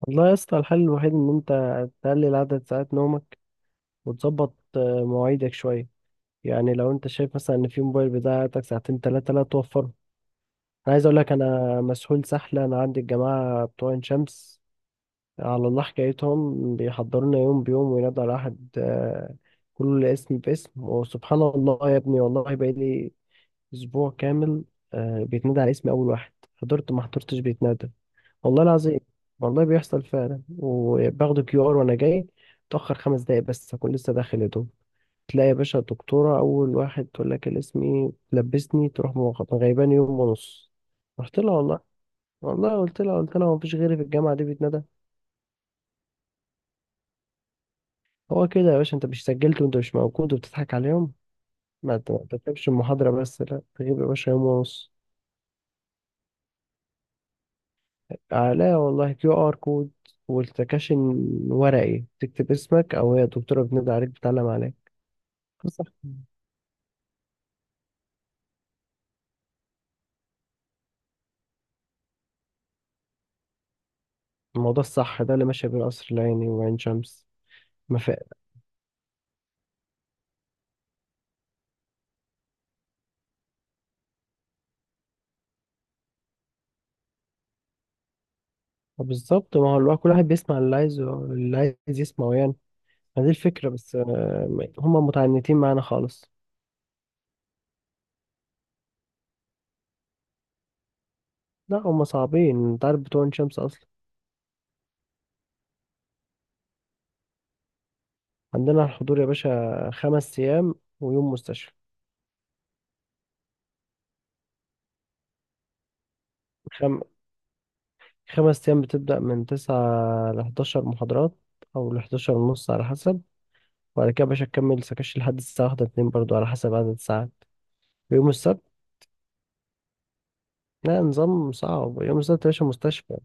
والله يا اسطى، الحل الوحيد ان انت تقلل عدد ساعات نومك وتظبط مواعيدك شويه. يعني لو انت شايف مثلا ان في موبايل بتاعتك ساعتين ثلاثه، لا توفره. انا عايز اقول لك، انا مسحول سحله. انا عندي الجماعه بتوع عين شمس، على الله حكايتهم، بيحضرونا يوم بيوم وينادوا على احد كل اسم باسم. وسبحان الله يا ابني، والله بقالي اسبوع كامل بيتنادى على اسمي اول واحد. حضرت ما حضرتش بيتنادى، والله العظيم. والله بيحصل فعلا، وباخده كيو ار وانا جاي اتاخر خمس دقايق بس هكون لسه داخل يا دوب. تلاقي يا باشا الدكتوره اول واحد تقول لك الاسم ايه، تلبسني تروح غيباني يوم ونص. رحت لها والله، والله قلت لها مفيش غيري في الجامعه دي بيتندى. هو كده يا باشا، انت مش سجلت وانت مش موجود وبتضحك عليهم. ما تكتبش المحاضره بس، لا تغيب يا باشا يوم ونص. لا والله، كيو ار كود والتكاشن ورقي تكتب اسمك، او هي الدكتوره بتنادي عليك بتعلم عليك. صح. الموضوع الصح ده اللي ماشي بين قصر العيني وعين شمس. مفاق. بالظبط، ما هو الواحد كل واحد بيسمع اللي عايزه اللي عايز يسمعه يعني. ما دي الفكرة، بس هما متعنتين معانا خالص. لا هما صعبين، انت عارف بتوع عين شمس أصلا. عندنا الحضور يا باشا خمس أيام ويوم مستشفى. خم... خمس أيام بتبدأ من تسعة لحداشر محاضرات، أو لحداشر ونص على حسب. وبعد كده يا باشا تكمل سكاش لحد الساعة واحدة اتنين برضو على حسب عدد الساعات. ويوم السبت، لا، نظام صعب، يوم السبت يا باشا مستشفى.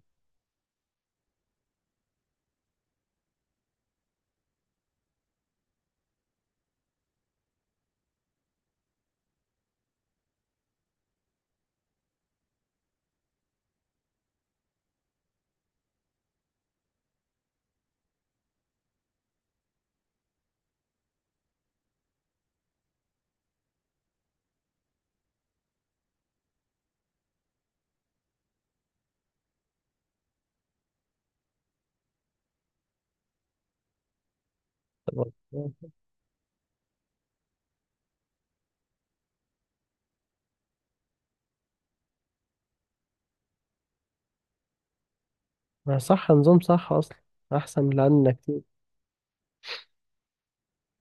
ما صح، نظام صح اصلا، احسن من اللي عندنا كتير.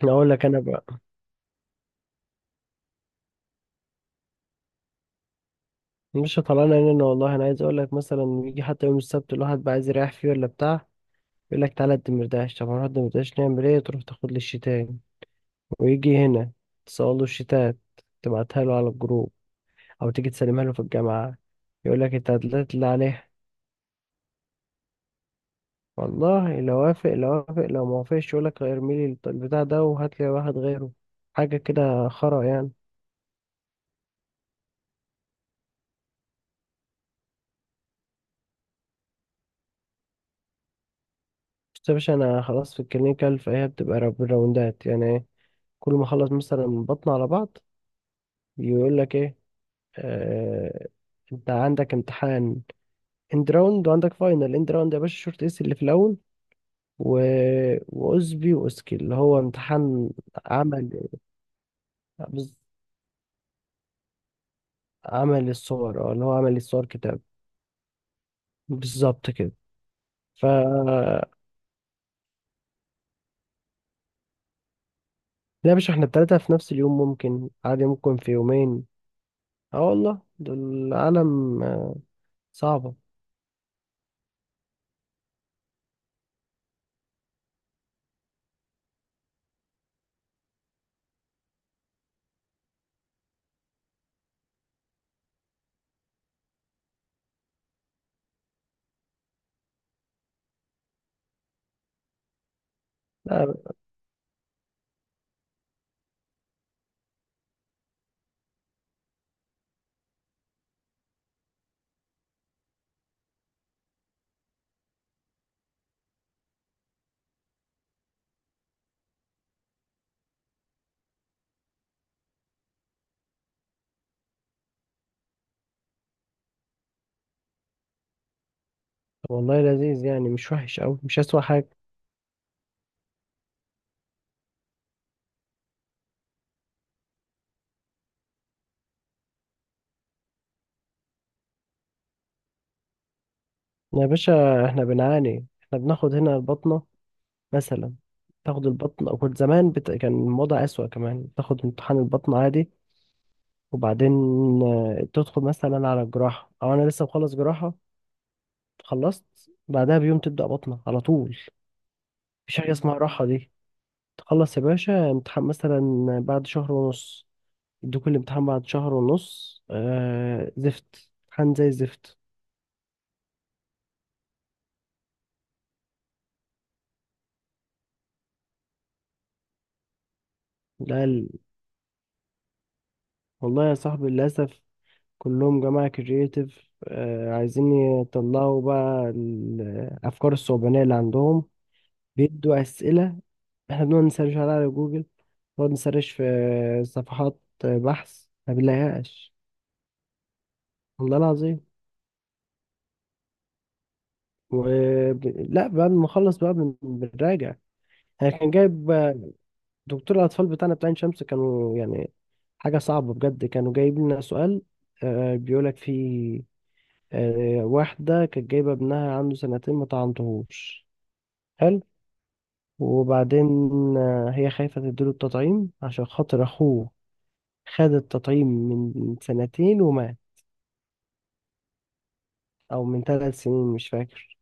اقول لك انا بقى، مش طلعنا هنا والله. انا عايز اقول لك مثلا، يجي حتى يوم السبت الواحد بقى عايز يريح فيه ولا بتاع، يقول لك تعالى الدمرداش. طب هنروح الدمرداش نعمل ايه؟ تروح تاخد لي الشتان، ويجي هنا تسأله له الشتات، تبعتها له على الجروب، او تيجي تسلمها له في الجامعه، يقول لك انت هتلاقي اللي عليها. والله لو وافق، لو ما وافقش، يقول لك ارمي لي البتاع ده وهات لي واحد غيره. حاجه كده خرا يعني. بس يا باشا، انا خلاص في الكلينيكال، فهي بتبقى بالراوندات، يعني ايه كل ما اخلص مثلا بطن على بعض، يقول لك ايه آه انت عندك امتحان اند راوند، وعندك فاينل اند راوند، يا باشا شورت اس اللي في الاول. و... واسبي واسكي اللي هو امتحان عمل، بز- عمل الصور، اللي هو عمل الصور كتاب. بالظبط كده. ف لا يا باشا، احنا التلاتة في نفس اليوم، ممكن عادي، ممكن في يومين. اه والله دول عالم صعبة. طب والله لذيذ يعني، مش وحش أوي، مش أسوأ حاجة. يا باشا احنا بنعاني، احنا بناخد هنا البطنة مثلا، تاخد البطنة، وكنت زمان كان الوضع أسوأ كمان، تاخد امتحان البطنة عادي، وبعدين تدخل مثلا على الجراحة. أو أنا لسه مخلص جراحة، خلصت بعدها بيوم تبدأ بطنة على طول، مفيش حاجة اسمها راحة. دي تخلص يا باشا امتحان مثلا، بعد شهر ونص يدوك الامتحان، بعد شهر ونص زفت، امتحان زي الزفت. لا والله يا صاحبي، للأسف كلهم جماعة كرييتيف، عايزين يطلعوا بقى الأفكار الصعبانية اللي عندهم. بيدوا أسئلة، احنا بنقعد نسرش عليها على جوجل، نقعد نسرش في صفحات بحث ما بنلاقيهاش، والله العظيم. و... لا بعد ما نخلص بقى بنراجع. يعني كان جايب دكتور الأطفال بتاعنا بتاع عين شمس، كانوا يعني حاجة صعبة بجد. كانوا جايب لنا سؤال، بيقولك فيه واحدة كانت جايبة ابنها عنده سنتين ما طعنتهوش. حلو. وبعدين هي خايفة تديله التطعيم عشان خاطر أخوه، خد التطعيم من سنتين ومات، أو من ثلاث سنين مش فاكر.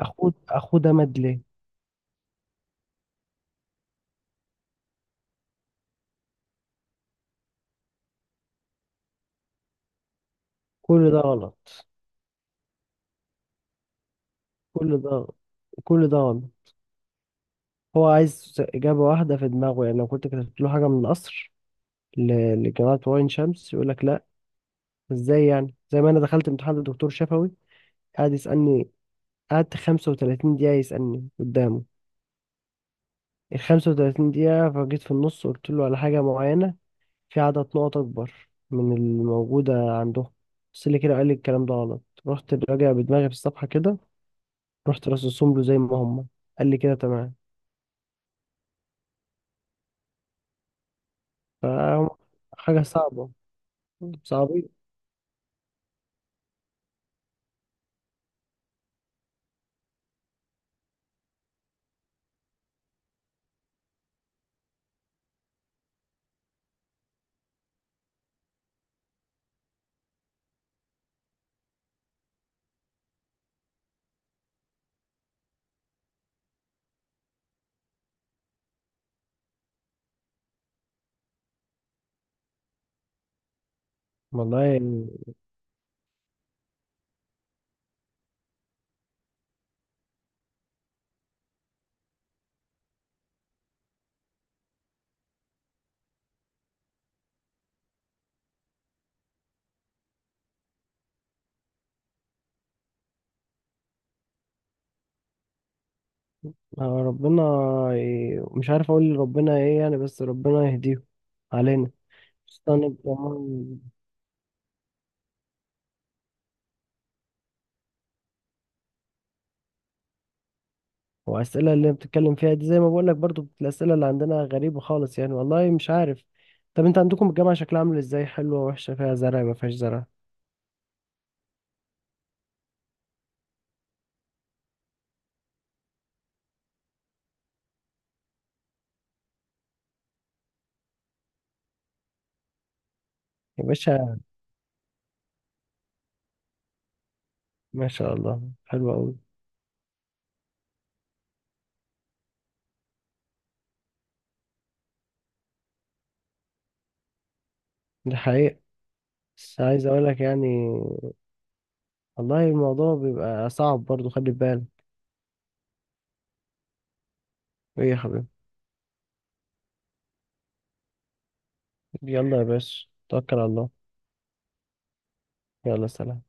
أخوه ده مات ليه؟ كل ده غلط. كل ده كل ده غلط. هو عايز إجابة واحدة في دماغه، يعني لو كنت كتبت له حاجة من القصر لجامعة عين شمس يقول لك لأ. إزاي يعني؟ زي ما أنا دخلت امتحان لدكتور شفوي، قعد يسألني، قعدت 35 دقيقة يسألني قدامه. ال 35 دقيقة فجيت في النص قلت له على حاجة معينة، في عدد نقط أكبر من الموجودة عندهم. بس اللي كده، قال لي الكلام ده غلط، رحت راجع بدماغي في الصفحة كده، رحت رصصهم له زي ما هم، قال لي كده تمام. فهم حاجة صعبة، صعبين والله يعني. ربنا مش عارف أقول ربنا إيه يعني، بس ربنا يهديهم علينا. استنى كمان. وأسئلة اللي بتتكلم فيها دي، زي ما بقول لك برضو الأسئلة اللي عندنا غريبة خالص يعني، والله مش عارف. طب انت عندكم الجامعة شكلها عامل ازاي؟ حلوة وحشة؟ فيها زرع ما فيهاش زرع؟ يا باشا ما شاء الله، حلو قوي. دي حقيقة. بس عايز اقول لك يعني، والله الموضوع بيبقى صعب برضو، خلي بالك. ايه يا حبيبي؟ يلا يا باشا، توكل على الله. يلا سلام.